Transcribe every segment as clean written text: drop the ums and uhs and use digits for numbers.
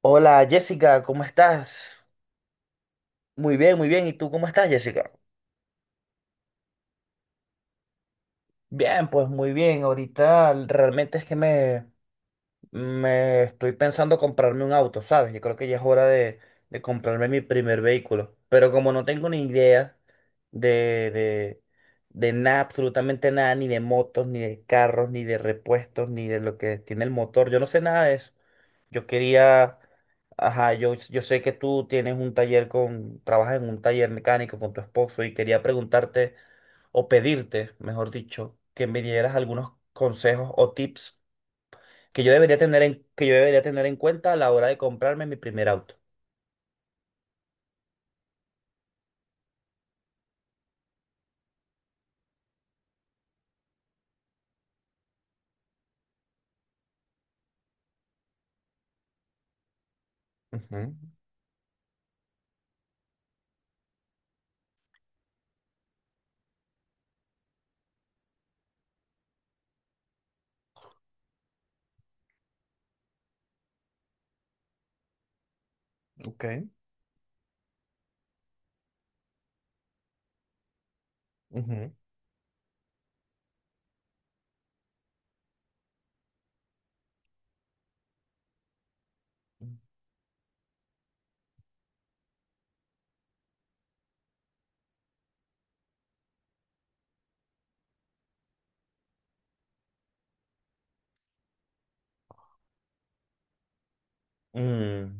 Hola Jessica, ¿cómo estás? Muy bien, muy bien. ¿Y tú cómo estás, Jessica? Bien, pues muy bien. Ahorita realmente es que me estoy pensando comprarme un auto, ¿sabes? Yo creo que ya es hora de comprarme mi primer vehículo. Pero como no tengo ni idea de, de, de nada, absolutamente nada, ni de motos, ni de carros, ni de repuestos, ni de lo que tiene el motor, yo no sé nada de eso. Yo quería, ajá, yo sé que tú tienes un taller con, trabajas en un taller mecánico con tu esposo y quería preguntarte o pedirte, mejor dicho, que me dieras algunos consejos o tips que yo debería tener en, que yo debería tener en cuenta a la hora de comprarme mi primer auto. Ujú. Ok. Ujú. Mm,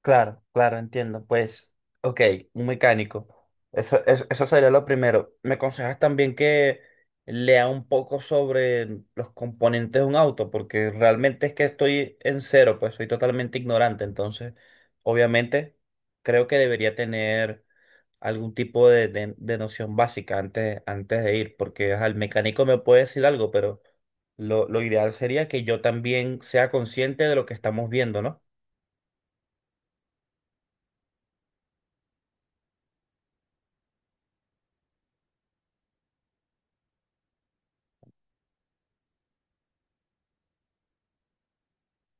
claro, claro, entiendo. Pues, ok, un mecánico. Eso sería lo primero. ¿Me aconsejas también que lea un poco sobre los componentes de un auto? Porque realmente es que estoy en cero, pues soy totalmente ignorante. Entonces, obviamente, creo que debería tener algún tipo de, de noción básica antes, antes de ir, porque ajá, el mecánico me puede decir algo, pero lo ideal sería que yo también sea consciente de lo que estamos viendo, ¿no?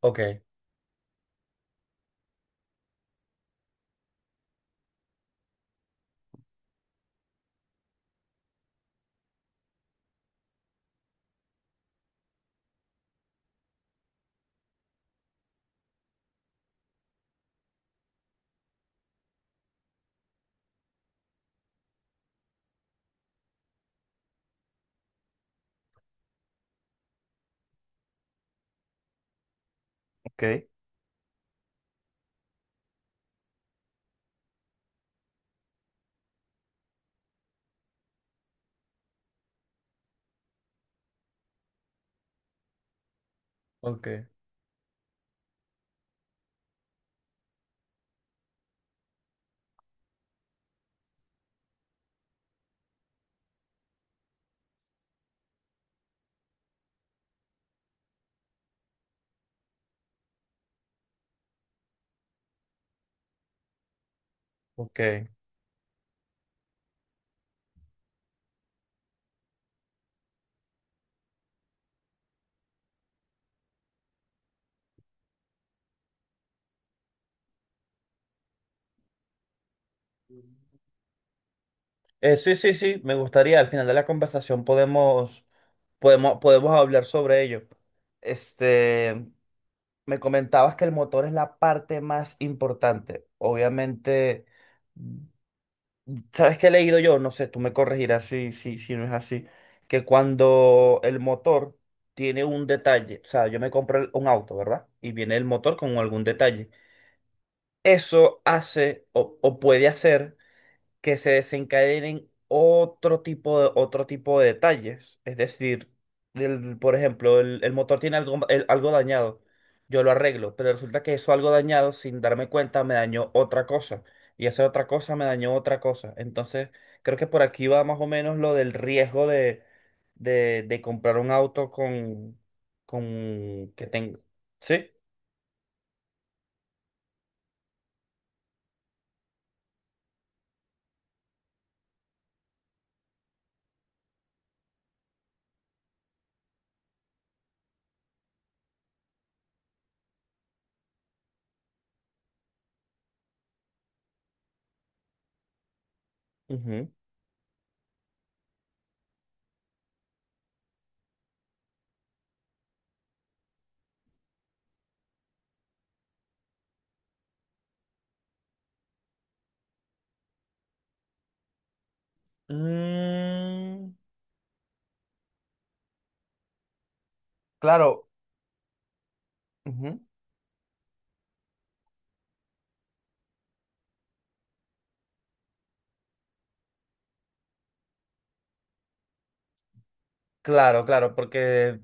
Ok, ok. Ok, ok. Sí, sí, sí, me gustaría, al final de la conversación podemos hablar sobre ello. Este, me comentabas que el motor es la parte más importante. Obviamente. ¿Sabes qué he leído yo? No sé, tú me corregirás si no es así. Que cuando el motor tiene un detalle, o sea, yo me compré un auto, ¿verdad? Y viene el motor con algún detalle. Eso hace o puede hacer que se desencadenen otro tipo de detalles. Es decir, por ejemplo, el motor tiene algo, algo dañado. Yo lo arreglo, pero resulta que eso algo dañado, sin darme cuenta, me dañó otra cosa. Y esa otra cosa me dañó otra cosa. Entonces, creo que por aquí va más o menos lo del riesgo de comprar un auto con que tenga. ¿Sí? Ujú. Mm, claro. Ujú. Claro, claro, porque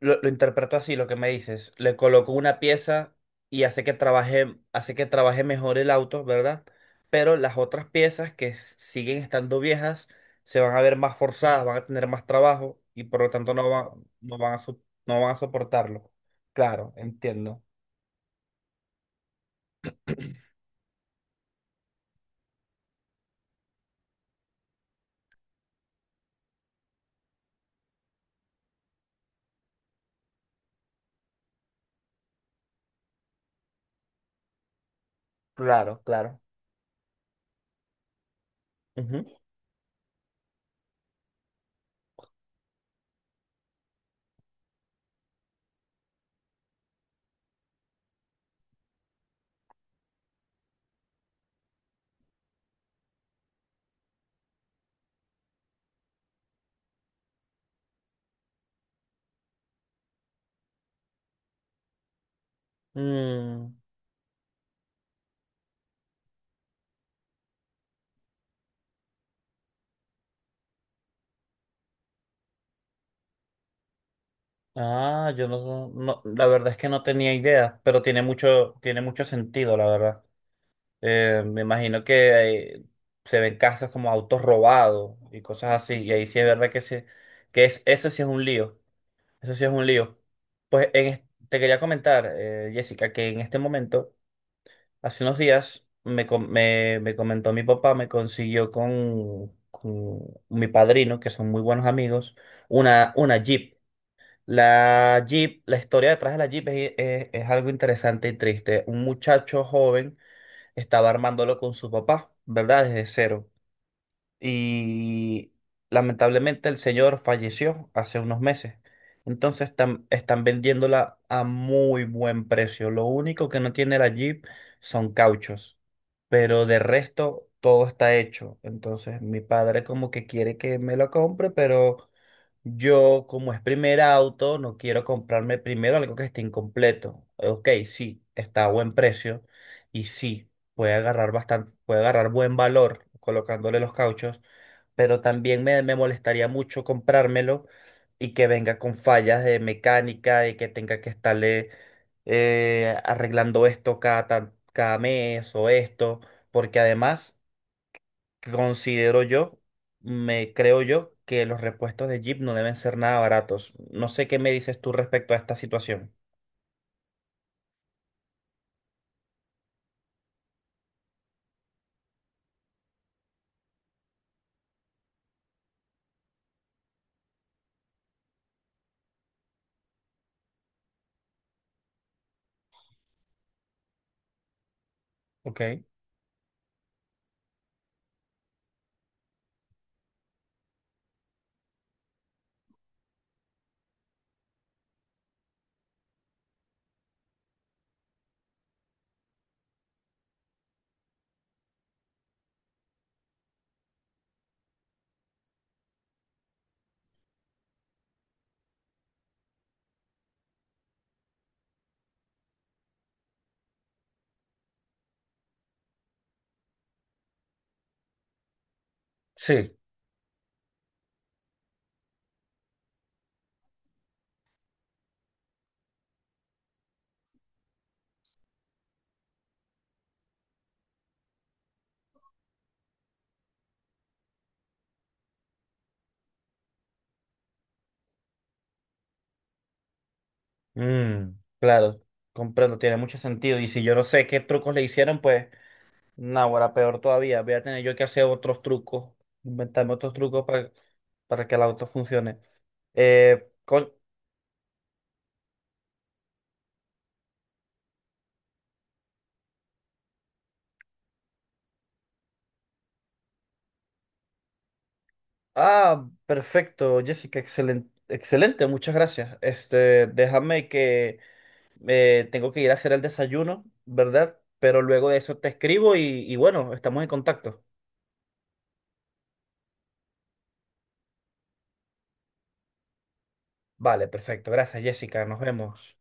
Lo interpreto así, lo que me dices. Le coloco una pieza y hace que trabaje mejor el auto, ¿verdad? Pero las otras piezas que siguen estando viejas se van a ver más forzadas, van a tener más trabajo y por lo tanto no van a, so- no van a soportarlo. Claro, entiendo. Claro, claro. Ujú. Mm, ah, yo no, no, la verdad es que no tenía idea, pero tiene mucho sentido, la verdad. Me imagino que se ven casos como autos robados y cosas así. Y ahí sí es verdad que, que es, eso sí es un lío. Eso sí es un lío. Pues en es- te quería comentar, Jessica, que en este momento, hace unos días, me comentó mi papá, me consiguió con mi padrino, que son muy buenos amigos, una Jeep. La Jeep, la historia detrás de la Jeep es, es algo interesante y triste. Un muchacho joven estaba armándolo con su papá, ¿verdad? Desde cero. Y lamentablemente el señor falleció hace unos meses. Entonces están vendiéndola a muy buen precio. Lo único que no tiene la Jeep son cauchos, pero de resto todo está hecho. Entonces mi padre como que quiere que me lo compre, pero yo como es primer auto no quiero comprarme primero algo que esté incompleto. Ok, sí, está a buen precio. Y sí, puede agarrar bastante, puede agarrar buen valor colocándole los cauchos, pero también me molestaría mucho comprármelo y que venga con fallas de mecánica, de que tenga que estarle arreglando esto cada mes o esto, porque además considero yo, me creo yo, que los repuestos de Jeep no deben ser nada baratos. No sé qué me dices tú respecto a esta situación. Ok. Sí. Mm, claro, comprendo, tiene mucho sentido. Y si yo no sé qué trucos le hicieron, pues, ahora peor todavía. Voy a tener yo que hacer otros trucos, inventarme otros trucos para que el auto funcione. Con... Ah, perfecto, Jessica, excelente, excelente, muchas gracias. Este, déjame que tengo que ir a hacer el desayuno, ¿verdad? Pero luego de eso te escribo y bueno, estamos en contacto. Vale, perfecto, gracias, Jessica, nos vemos.